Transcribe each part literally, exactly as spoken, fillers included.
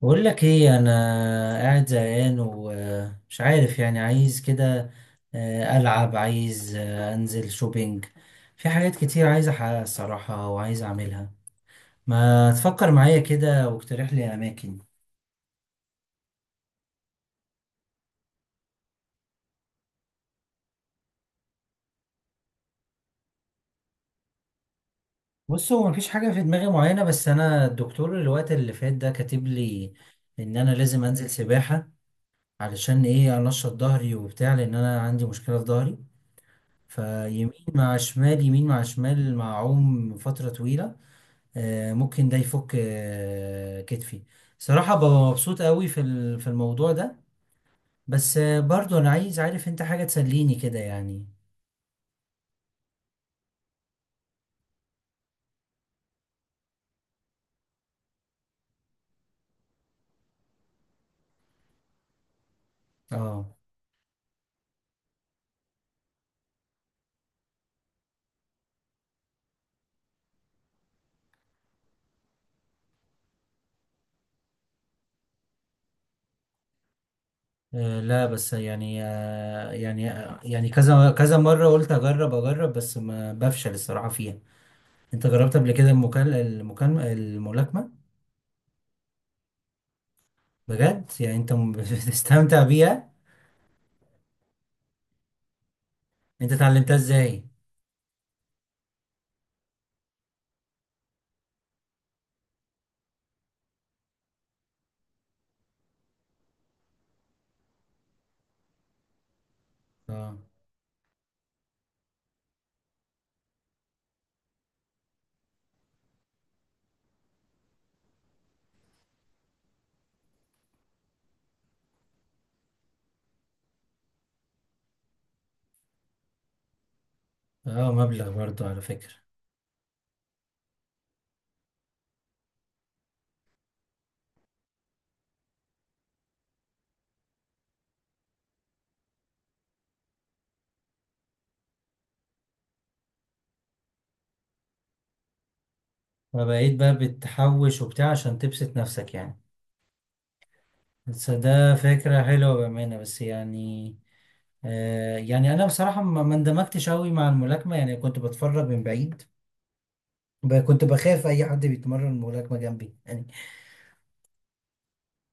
بقول لك ايه؟ انا قاعد زهقان ومش عارف، يعني عايز كده آه، العب، عايز آه، انزل شوبينج. في حاجات كتير عايز احققها الصراحه وعايز اعملها. ما تفكر معايا كده واقترح لي اماكن. بص، هو مفيش حاجه في دماغي معينه، بس انا الدكتور الوقت اللي فات ده كاتب لي ان انا لازم انزل سباحه، علشان ايه؟ انشط ظهري وبتاع، لان انا عندي مشكله في ظهري. فيمين مع شمال، يمين مع شمال، مع عوم فتره طويله. آه، ممكن ده يفك آه، كتفي. صراحة ببقى مبسوط قوي في ال- في الموضوع ده. بس آه، برضو انا عايز، عارف انت، حاجة تسليني كده يعني. اه. آه، لا بس يعني، آه، يعني آه، يعني كذا كذا مرة قلت اجرب اجرب، بس ما بفشل الصراحة فيها. انت جربت قبل كده المكال المكالمة الملاكمة؟ بجد يعني انت م- بتستمتع بيها؟ انت اتعلمتها ازاي؟ اه. اه مبلغ برضو على فكرة. فبقيت بقى بتحوش وبتاع عشان تبسط نفسك يعني. بس ده فكرة حلوة بأمانة، بس يعني آه يعني أنا بصراحة ما ما اندمجتش أوي مع الملاكمة، يعني كنت بتفرج من بعيد. ب- كنت بخاف أي حد بيتمرن ملاكمة جنبي يعني.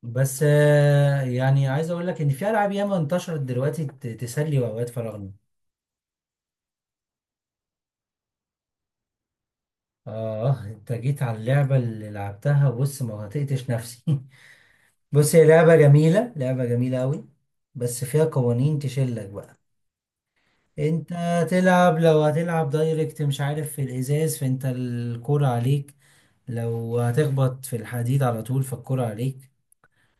بس آه يعني عايز أقول لك إن في ألعاب ياما انتشرت دلوقتي ت- تسلي أوقات فراغنا. آه أنت جيت على اللعبة اللي لعبتها. بص، ما هطقتش نفسي بص، هي لعبة جميلة، لعبة جميلة أوي، بس فيها قوانين تشلك بقى. انت تلعب، لو هتلعب دايركت مش عارف في الازاز فانت الكرة عليك، لو هتخبط في الحديد على طول فالكرة عليك.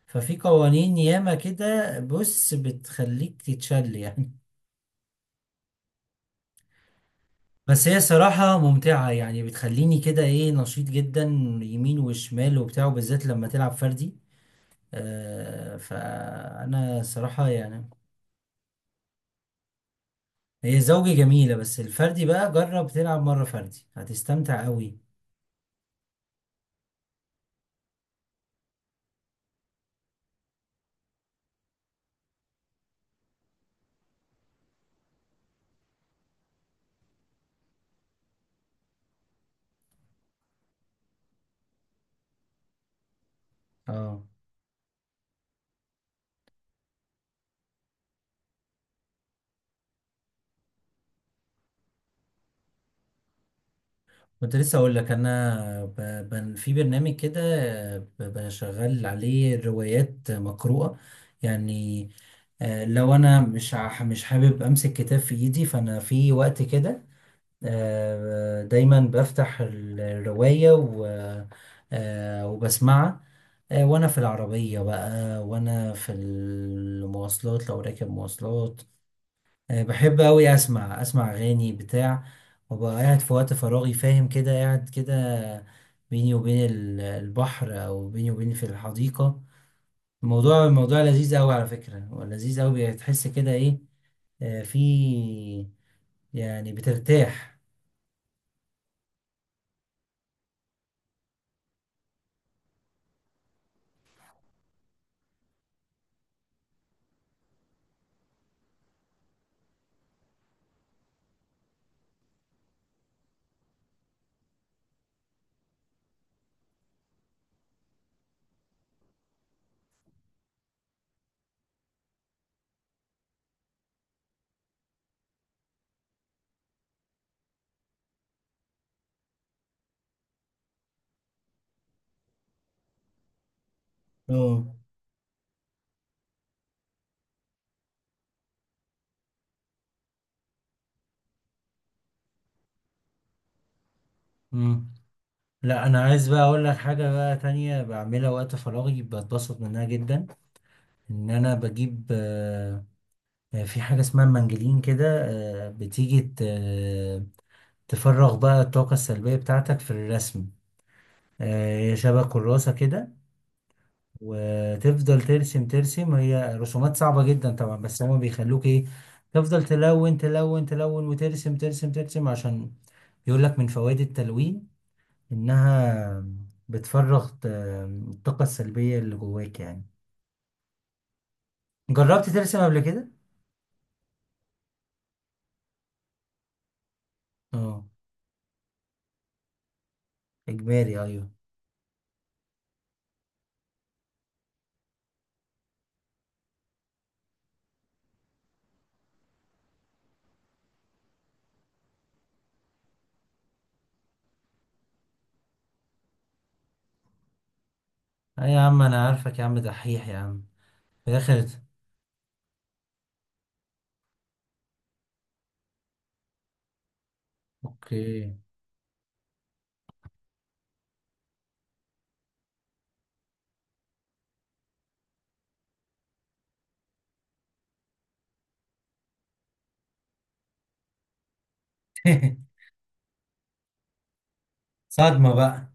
ففي قوانين ياما كده، بص، بتخليك تتشل يعني. بس هي صراحة ممتعة يعني، بتخليني كده ايه، نشيط جدا، يمين وشمال وبتاع، بالذات لما تلعب فردي. آه فأنا صراحة يعني، هي زوجي جميلة، بس الفردي بقى جرب تلعب مرة فردي هتستمتع قوي. اه. كنت لسه اقول لك انا ب... ب... في برنامج كده ب... بشغل عليه روايات مقروءة يعني. آه، لو انا مش ع- مش حابب امسك كتاب في ايدي، فانا في وقت كده آه، دايما بفتح الرواية و... آه، وبسمعها آه، وانا في العربية بقى، وانا في المواصلات لو راكب مواصلات. آه، بحب أوي أسمع أسمع أغاني بتاع، وأبقى قاعد في وقت فراغي، فاهم كده، قاعد كده بيني وبين ال- البحر، أو بيني وبين في الحديقة. الموضوع الموضوع لذيذ أوي على فكرة، لذيذ أوي، بتحس كده إيه، آه، في يعني بترتاح. اه. مم. لا أنا عايز بقى أقول لك حاجة بقى تانية بعملها وقت فراغي بتبسط منها جدا. إن أنا بجيب آه، آه، في حاجة اسمها المنجلين كده، آه، بتيجي ت- تفرغ بقى الطاقة السلبية بتاعتك في الرسم. آه، هي شبه كراسة كده، وتفضل ترسم ترسم، هي رسومات صعبة جدا طبعا، بس هما بيخلوك ايه، تفضل تلون تلون تلون وترسم ترسم ترسم، عشان يقول لك من فوائد التلوين إنها بتفرغ ت- الطاقة السلبية اللي جواك يعني. جربت ترسم قبل كده؟ اه. إجباري، أيوه. أي يا عم، أنا عارفك يا عم دحيح يا عم. في الآخر. أوكي. صدمة بقى.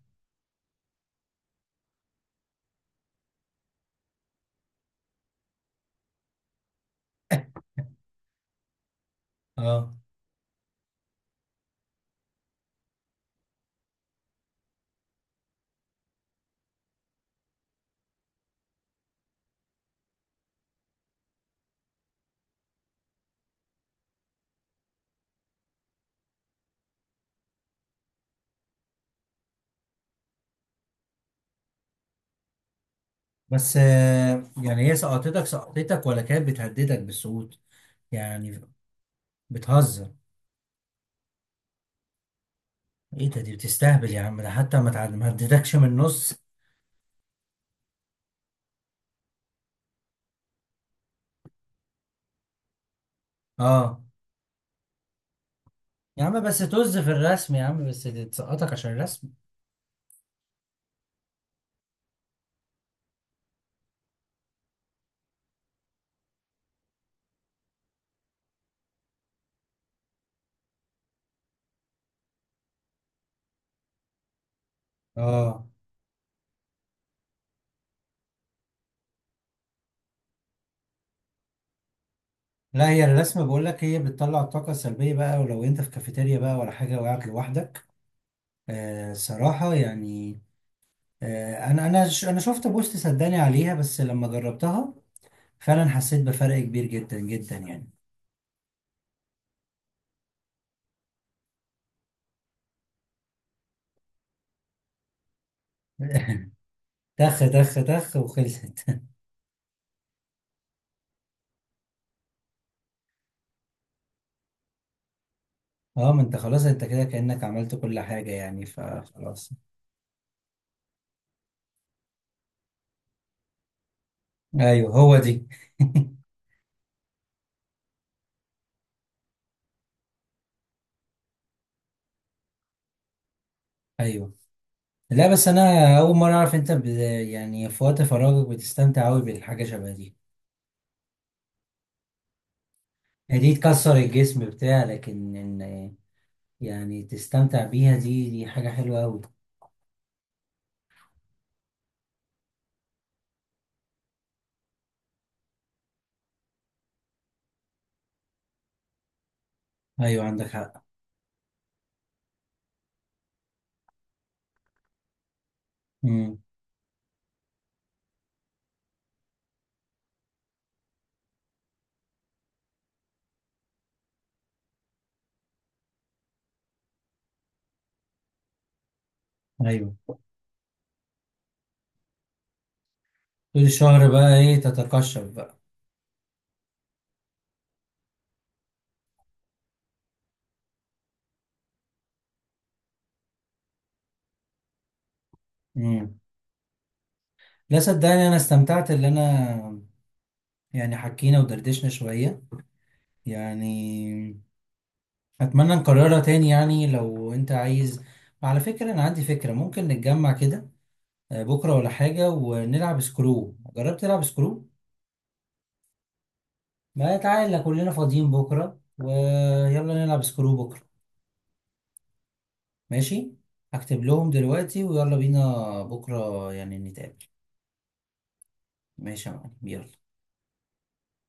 اه. بس آه، يعني هي سقطتك سقطتك، ولا كانت بتهددك بالسقوط يعني، بتهزر؟ ايه ده، دي بتستهبل يا عم، ده حتى ما تعد- ما هددكش من النص. اه. يا عم بس طز في الرسم، يا عم بس دي تسقطك عشان الرسم. اه. لا هي الرسم بقول لك، هي بتطلع الطاقة السلبية بقى، ولو انت في كافيتيريا بقى ولا حاجة وقعت لوحدك. آه صراحة يعني. آه انا انا ش- انا شفت بوست، صدقني عليها، بس لما جربتها فعلا حسيت بفرق كبير جدا جدا يعني. تخ تخ تخ وخلصت اه، ما انت خلاص، انت كده كأنك عملت كل حاجة يعني، فخلاص. ايوه هو دي. ايوه. لا بس انا اول مرة اعرف انت ب... يعني في وقت فراغك بتستمتع قوي بالحاجة شبه دي. هي دي تكسر الجسم بتاع، لكن ان يعني تستمتع بيها، دي دي حاجة حلوة قوي. ايوه عندك حق. امم. ايوه طول الشهر بقى ايه، تتقشف بقى. امم. لا صدقني انا استمتعت، اللي انا يعني حكينا ودردشنا شوية يعني. اتمنى نكررها تاني يعني لو انت عايز. على فكرة انا عندي فكرة، ممكن نتجمع كده آه، بكرة ولا حاجة ونلعب سكرو. جربت تلعب سكرو؟ ما تعالى كلنا فاضيين بكرة، ويلا نلعب سكرو بكرة. ماشي. هكتب لهم دلوقتي ويلا بينا بكرة يعني نتقابل. ماشي يا معلم يلا.